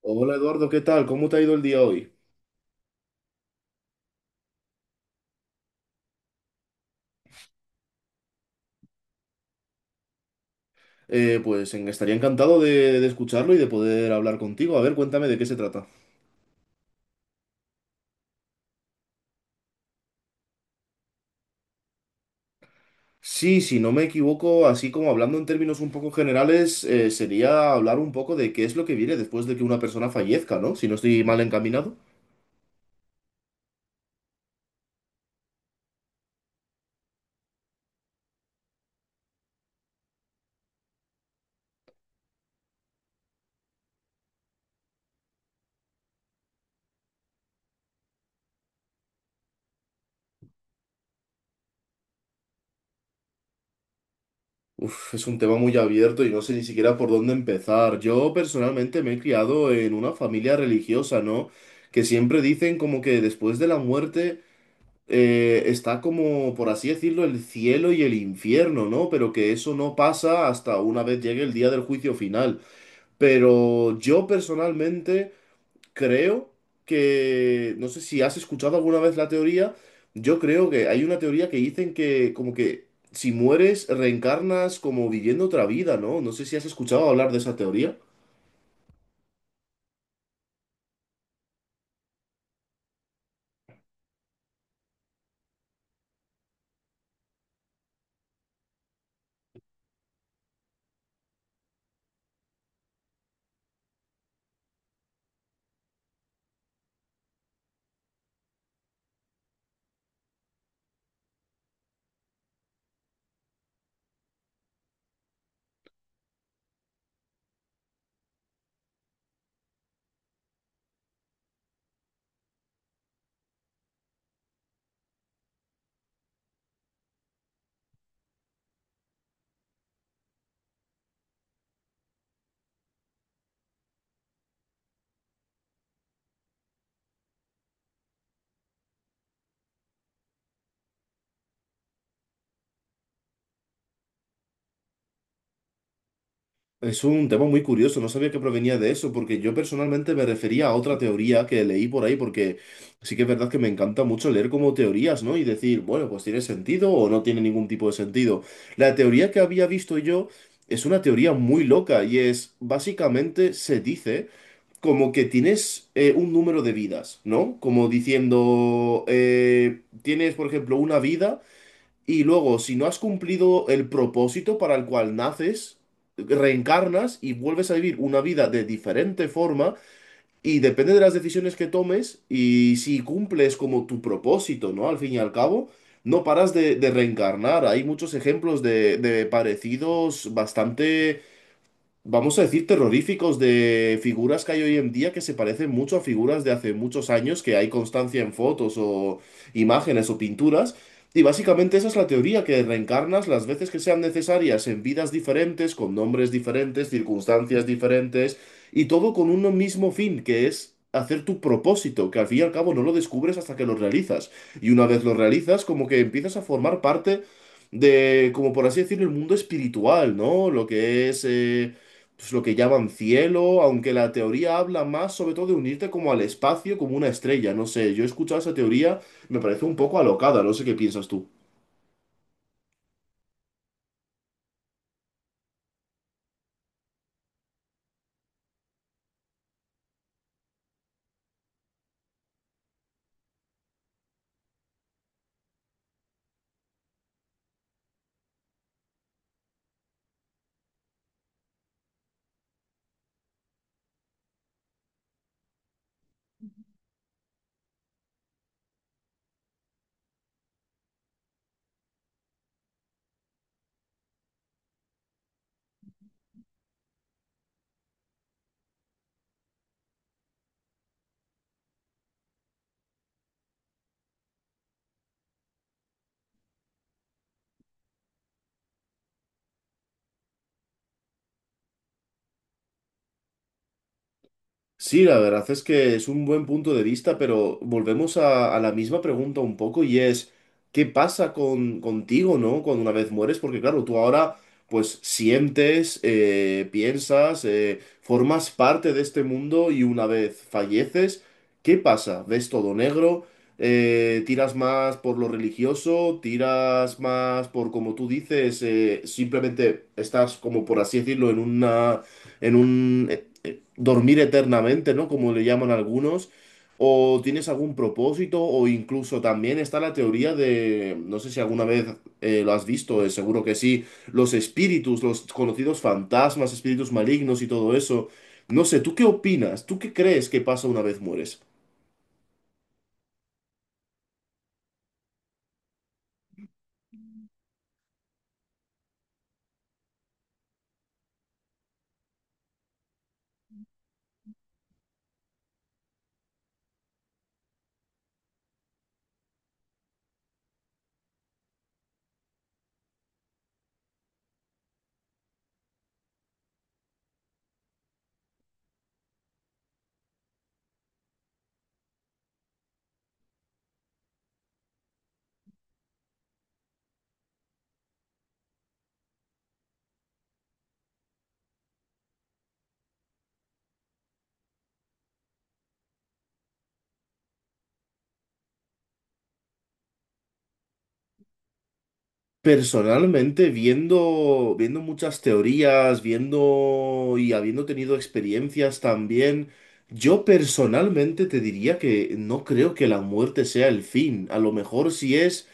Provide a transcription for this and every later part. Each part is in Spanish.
Hola Eduardo, ¿qué tal? ¿Cómo te ha ido el día hoy? Estaría encantado de escucharlo y de poder hablar contigo. A ver, cuéntame de qué se trata. Sí, si no me equivoco, así como hablando en términos un poco generales, sería hablar un poco de qué es lo que viene después de que una persona fallezca, ¿no? Si no estoy mal encaminado. Uf, es un tema muy abierto y no sé ni siquiera por dónde empezar. Yo personalmente me he criado en una familia religiosa, ¿no? Que siempre dicen como que después de la muerte está como, por así decirlo, el cielo y el infierno, ¿no? Pero que eso no pasa hasta una vez llegue el día del juicio final. Pero yo personalmente creo que, no sé si has escuchado alguna vez la teoría, yo creo que hay una teoría que dicen que como que si mueres reencarnas como viviendo otra vida, ¿no? No sé si has escuchado hablar de esa teoría. Es un tema muy curioso, no sabía que provenía de eso, porque yo personalmente me refería a otra teoría que leí por ahí, porque sí que es verdad que me encanta mucho leer como teorías, ¿no? Y decir, bueno, pues tiene sentido o no tiene ningún tipo de sentido. La teoría que había visto yo es una teoría muy loca y es, básicamente, se dice como que tienes un número de vidas, ¿no? Como diciendo, tienes, por ejemplo, una vida. Y luego, si no has cumplido el propósito para el cual naces, reencarnas y vuelves a vivir una vida de diferente forma y depende de las decisiones que tomes y si cumples como tu propósito, ¿no? Al fin y al cabo, no paras de reencarnar. Hay muchos ejemplos de parecidos bastante, vamos a decir, terroríficos de figuras que hay hoy en día que se parecen mucho a figuras de hace muchos años, que hay constancia en fotos o imágenes o pinturas. Y básicamente esa es la teoría, que reencarnas las veces que sean necesarias en vidas diferentes, con nombres diferentes, circunstancias diferentes, y todo con uno mismo fin, que es hacer tu propósito, que al fin y al cabo no lo descubres hasta que lo realizas. Y una vez lo realizas, como que empiezas a formar parte de, como por así decirlo, el mundo espiritual, ¿no? Lo que es pues, lo que llaman cielo, aunque la teoría habla más sobre todo de unirte como al espacio, como una estrella, no sé, yo he escuchado esa teoría, me parece un poco alocada, no sé qué piensas tú. Sí, la verdad es que es un buen punto de vista, pero volvemos a la misma pregunta un poco y es, ¿qué pasa contigo, ¿no? Cuando una vez mueres, porque claro, tú ahora pues sientes, piensas, formas parte de este mundo y una vez falleces, ¿qué pasa? ¿Ves todo negro? ¿Tiras más por lo religioso? ¿Tiras más por, como tú dices, simplemente estás como por así decirlo en una en un dormir eternamente, ¿no? Como le llaman algunos, o tienes algún propósito, o incluso también está la teoría de, no sé si alguna vez lo has visto, seguro que sí, los espíritus, los conocidos fantasmas, espíritus malignos y todo eso. No sé, ¿tú qué opinas? ¿Tú qué crees que pasa una vez mueres? Personalmente, viendo muchas teorías, viendo y habiendo tenido experiencias también, yo personalmente te diría que no creo que la muerte sea el fin. A lo mejor si es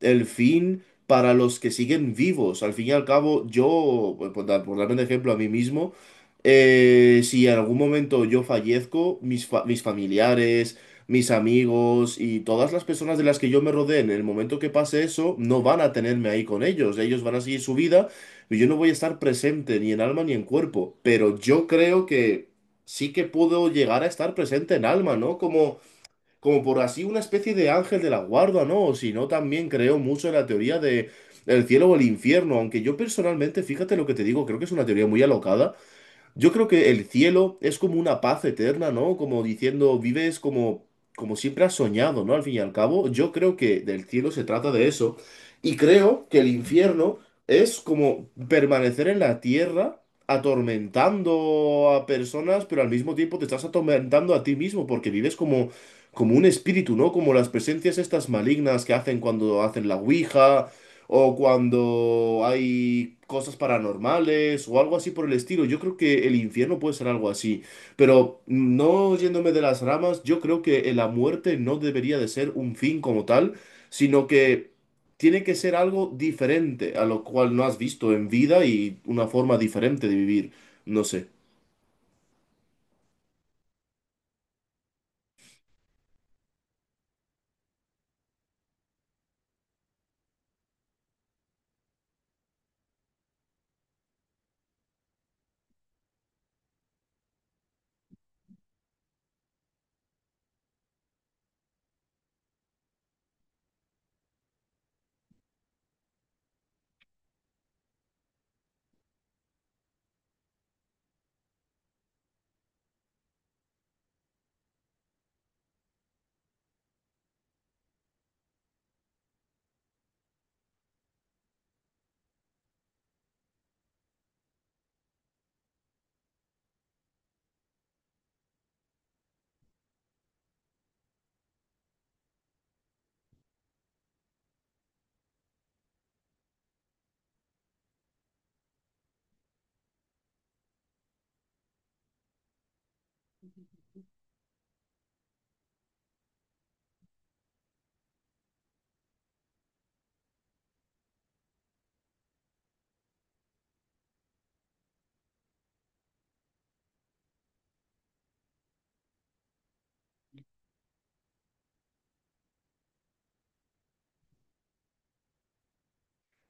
el fin para los que siguen vivos. Al fin y al cabo, yo, por darme un ejemplo a mí mismo, si en algún momento yo fallezco, mis familiares, mis amigos y todas las personas de las que yo me rodee en el momento que pase eso, no van a tenerme ahí con ellos. Ellos van a seguir su vida y yo no voy a estar presente ni en alma ni en cuerpo. Pero yo creo que sí que puedo llegar a estar presente en alma, ¿no? Como por así una especie de ángel de la guarda, ¿no? O si no, también creo mucho en la teoría de el cielo o el infierno, aunque yo personalmente, fíjate lo que te digo, creo que es una teoría muy alocada, yo creo que el cielo es como una paz eterna, ¿no? Como diciendo, vives como, como siempre has soñado, ¿no? Al fin y al cabo, yo creo que del cielo se trata de eso. Y creo que el infierno es como permanecer en la tierra atormentando a personas, pero al mismo tiempo te estás atormentando a ti mismo porque vives como, como un espíritu, ¿no? Como las presencias estas malignas que hacen cuando hacen la ouija o cuando hay cosas paranormales o algo así por el estilo. Yo creo que el infierno puede ser algo así, pero no yéndome de las ramas, yo creo que la muerte no debería de ser un fin como tal, sino que tiene que ser algo diferente a lo cual no has visto en vida y una forma diferente de vivir. No sé.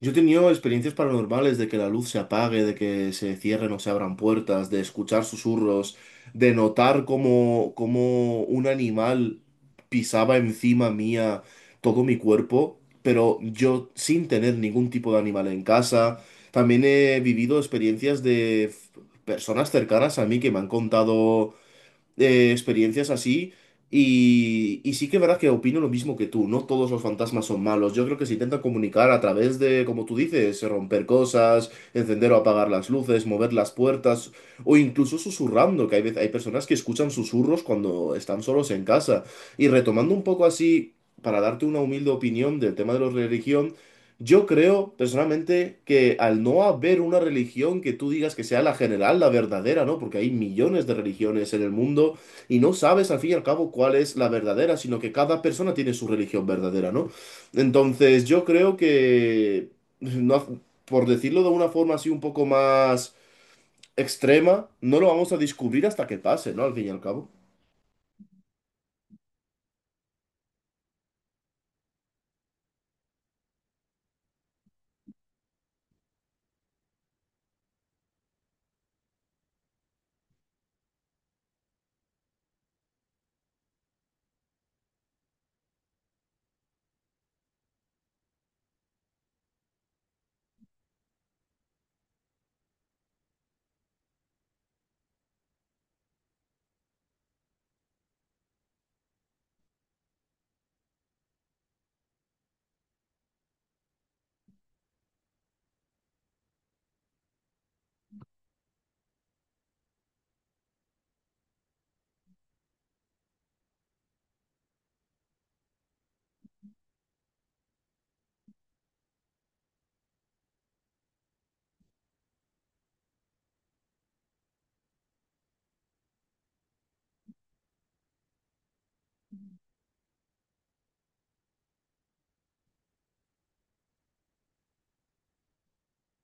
Yo he tenido experiencias paranormales de que la luz se apague, de que se cierren o se abran puertas, de escuchar susurros, de notar cómo un animal pisaba encima mía todo mi cuerpo, pero yo sin tener ningún tipo de animal en casa. También he vivido experiencias personas cercanas a mí que me han contado experiencias así. Y sí que es verdad que opino lo mismo que tú, no todos los fantasmas son malos. Yo creo que se intentan comunicar a través de, como tú dices, romper cosas, encender o apagar las luces, mover las puertas o incluso susurrando, que hay veces, hay personas que escuchan susurros cuando están solos en casa. Y retomando un poco así, para darte una humilde opinión del tema de la religión, yo creo personalmente que al no haber una religión que tú digas que sea la general, la verdadera, ¿no? Porque hay millones de religiones en el mundo y no sabes al fin y al cabo cuál es la verdadera, sino que cada persona tiene su religión verdadera, ¿no? Entonces yo creo que, no, por decirlo de una forma así un poco más extrema, no lo vamos a descubrir hasta que pase, ¿no? Al fin y al cabo.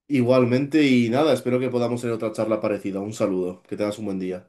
Igualmente y nada, espero que podamos tener otra charla parecida. Un saludo, que tengas un buen día.